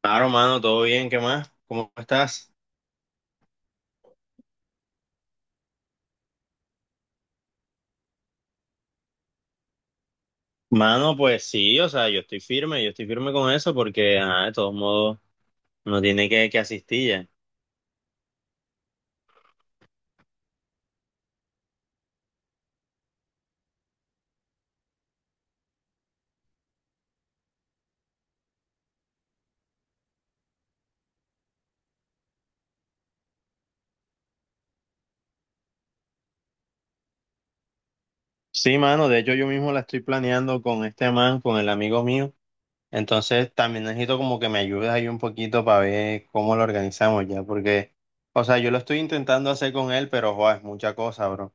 Claro, mano, todo bien, ¿qué más? ¿Cómo estás? Mano, pues sí, o sea, yo estoy firme con eso porque, ajá, de todos modos, uno tiene que asistir ya. Sí, mano, de hecho yo mismo la estoy planeando con este man, con el amigo mío, entonces también necesito como que me ayudes ahí un poquito para ver cómo lo organizamos ya, porque, o sea, yo lo estoy intentando hacer con él, pero, joder, es mucha cosa, bro.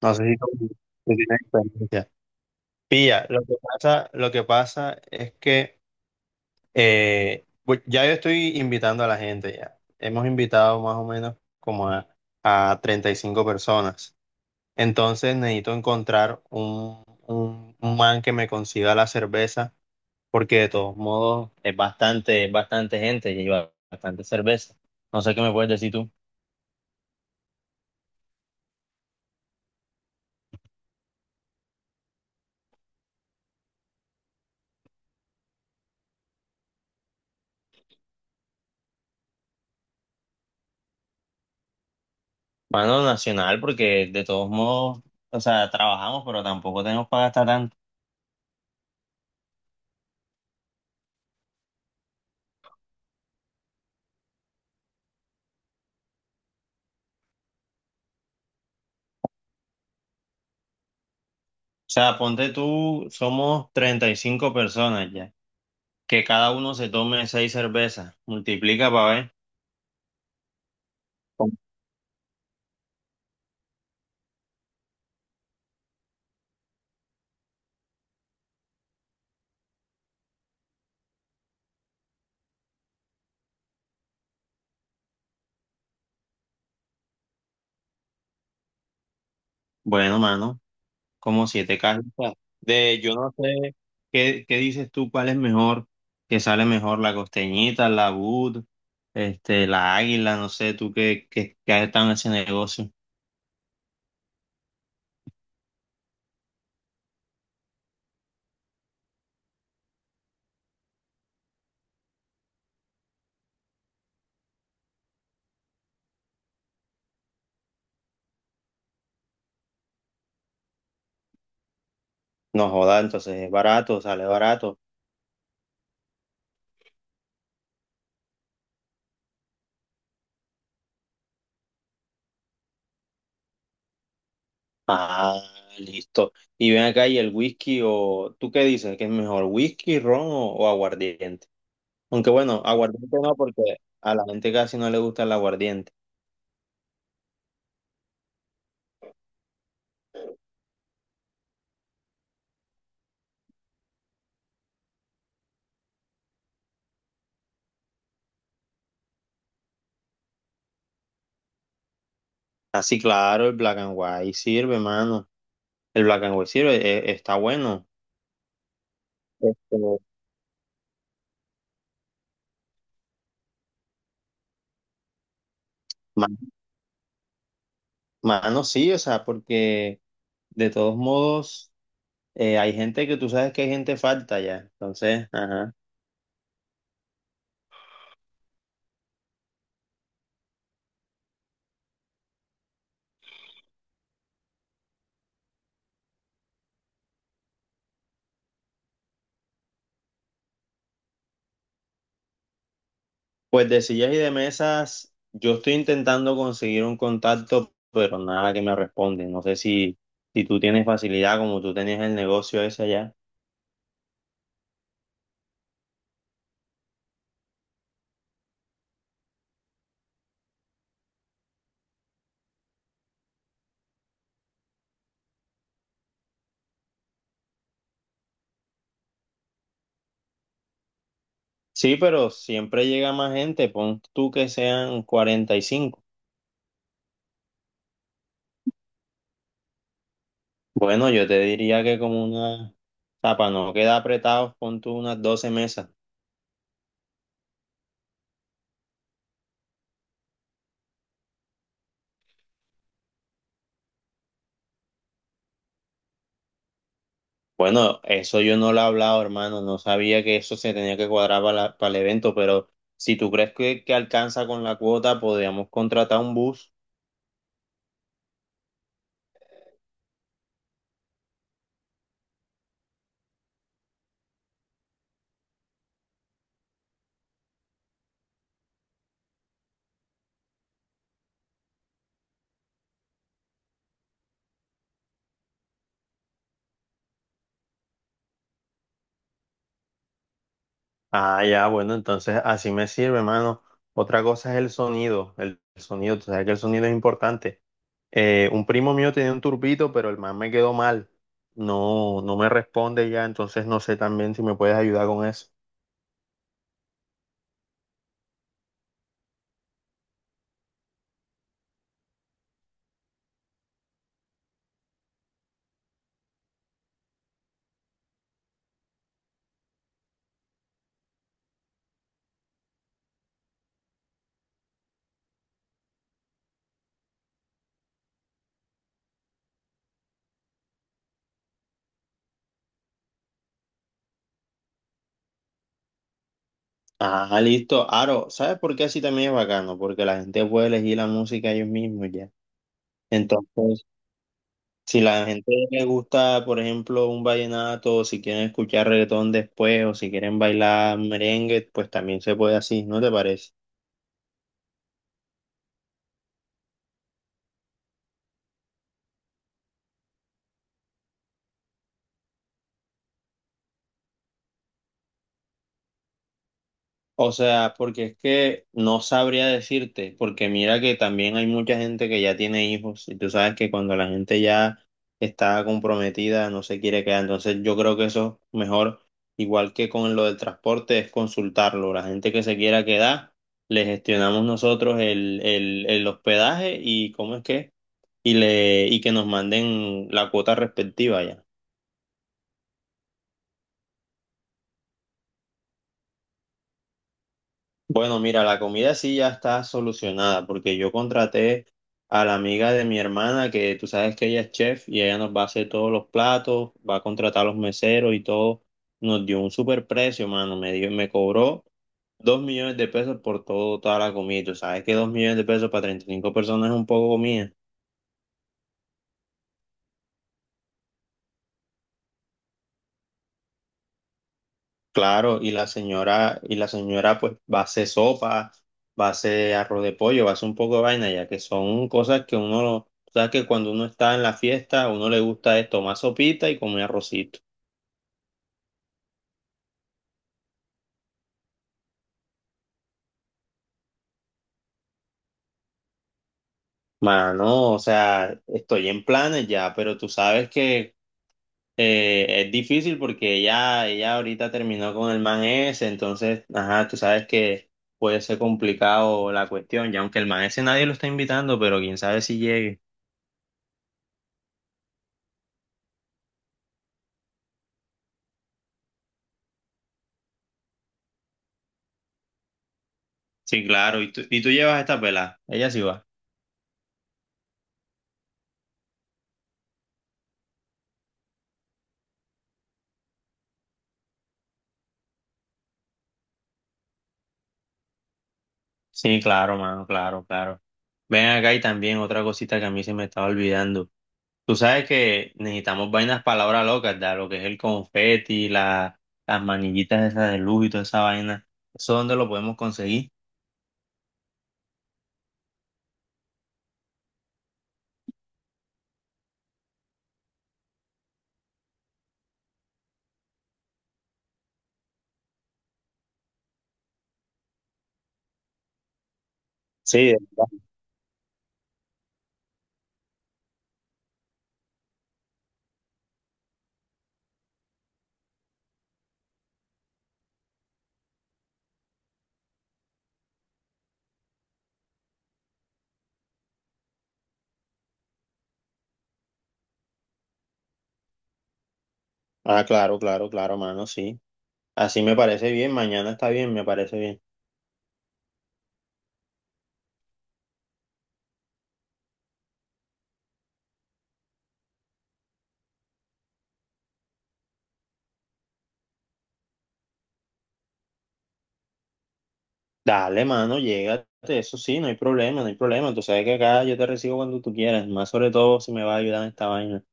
No sé si tú tienes experiencia. Pilla, lo que pasa es que... Pues ya yo estoy invitando a la gente ya. Hemos invitado más o menos como a 35 personas. Entonces necesito encontrar un man que me consiga la cerveza, porque de todos modos es bastante gente y lleva bastante cerveza. No sé qué me puedes decir tú. Mano, nacional, porque de todos modos, o sea, trabajamos pero tampoco tenemos para gastar tanto. O sea, ponte tú, somos 35 personas ya. Que cada uno se tome 6 cervezas. Multiplica para ver. Bueno, mano, como 7 cajas. De, yo no sé, ¿qué, qué dices tú? ¿Cuál es mejor? ¿Qué sale mejor? ¿La costeñita, la Bud, la águila? No sé, tú qué has estado en ese negocio. No joda, entonces es barato, sale barato. Ah, listo. Y ven acá, ¿y el whisky o tú qué dices? ¿Qué es mejor? ¿Whisky, ron o aguardiente? Aunque bueno, aguardiente no, porque a la gente casi no le gusta el aguardiente. Así claro, el black and white sirve, mano. El black and white sirve, está bueno. Este, ma- mano, sí, o sea, porque de todos modos hay gente, que tú sabes que hay gente falta ya. Entonces, ajá. Pues de sillas y de mesas, yo estoy intentando conseguir un contacto, pero nada que me responde. No sé si tú tienes facilidad, como tú tenías el negocio ese allá. Sí, pero siempre llega más gente. Pon tú que sean 45. Bueno, yo te diría que como una, o sea, para no quedar apretados, pon tú unas 12 mesas. Bueno, eso yo no lo he hablado, hermano, no sabía que eso se tenía que cuadrar para, para el evento, pero si tú crees que alcanza con la cuota, podríamos contratar un bus. Ah, ya, bueno, entonces así me sirve, hermano. Otra cosa es el sonido, tú sabes que el sonido es importante. Un primo mío tenía un turbito, pero el man me quedó mal. No, no me responde ya, entonces no sé también si me puedes ayudar con eso. Ah, listo. Aro, ¿sabes por qué así también es bacano? Porque la gente puede elegir la música ellos mismos ya. Entonces, si la gente le gusta, por ejemplo, un vallenato, o si quieren escuchar reggaetón después, o si quieren bailar merengue, pues también se puede así, ¿no te parece? O sea, porque es que no sabría decirte, porque mira que también hay mucha gente que ya tiene hijos y tú sabes que cuando la gente ya está comprometida no se quiere quedar, entonces yo creo que eso es mejor, igual que con lo del transporte, es consultarlo. La gente que se quiera quedar, le gestionamos nosotros el hospedaje y cómo es que, y le, y que nos manden la cuota respectiva ya. Bueno, mira, la comida sí ya está solucionada porque yo contraté a la amiga de mi hermana, que tú sabes que ella es chef, y ella nos va a hacer todos los platos, va a contratar a los meseros y todo. Nos dio un super precio, mano. Me cobró 2 millones de pesos por todo, toda la comida. Y tú sabes que 2 millones de pesos para 35 personas es un poco comida. Claro, y la señora pues va a hacer sopa, va a hacer arroz de pollo, va a hacer un poco de vaina, ya que son cosas que uno, sabes que cuando uno está en la fiesta, a uno le gusta es tomar sopita y comer arrocito. Mano, o sea, estoy en planes ya, pero tú sabes que es difícil porque ella ahorita terminó con el man ese, entonces, ajá, tú sabes que puede ser complicado la cuestión, ya aunque el man ese nadie lo está invitando, pero quién sabe si llegue. Sí, claro. ¿Y tú llevas esta pelada? Ella sí va. Sí, claro, mano, claro, claro. Ven acá y también otra cosita que a mí se me estaba olvidando. Tú sabes que necesitamos vainas palabras locas, ¿verdad? Lo que es el confeti, las manillitas esas de luz y toda esa vaina. ¿Eso dónde lo podemos conseguir? Sí, de verdad. Ah, claro, claro, claro, mano, sí. Así me parece bien, mañana está bien, me parece bien. Dale, mano, llégate, eso sí, no hay problema, no hay problema. Tú sabes que acá yo te recibo cuando tú quieras, más sobre todo si me va a ayudar en esta vaina.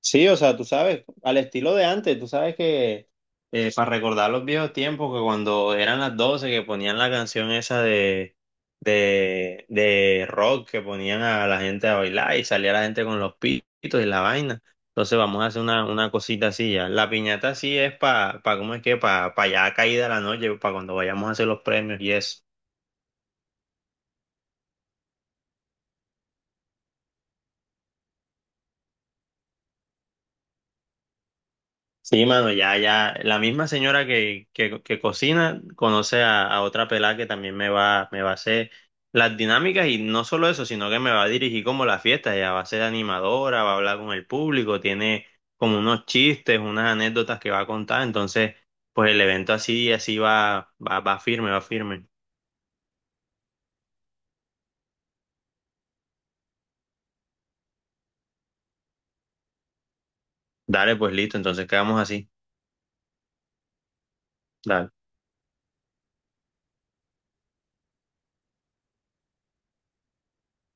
Sí, o sea, tú sabes, al estilo de antes, tú sabes que para recordar los viejos tiempos, que cuando eran las doce, que ponían la canción esa de rock, que ponían a la gente a bailar y salía la gente con los pitos y la vaina. Entonces vamos a hacer una cosita así ya. La piñata sí es para, ¿cómo es que? Para pa pa ya caída la noche, para cuando vayamos a hacer los premios y eso. Sí, mano, ya, ya. La misma señora que cocina conoce a otra pelada que también me va a hacer las dinámicas, y no solo eso, sino que me va a dirigir como la fiesta. Ella va a ser animadora, va a hablar con el público, tiene como unos chistes, unas anécdotas que va a contar. Entonces, pues el evento así, así va firme, va firme. Dale, pues listo, entonces quedamos así. Dale.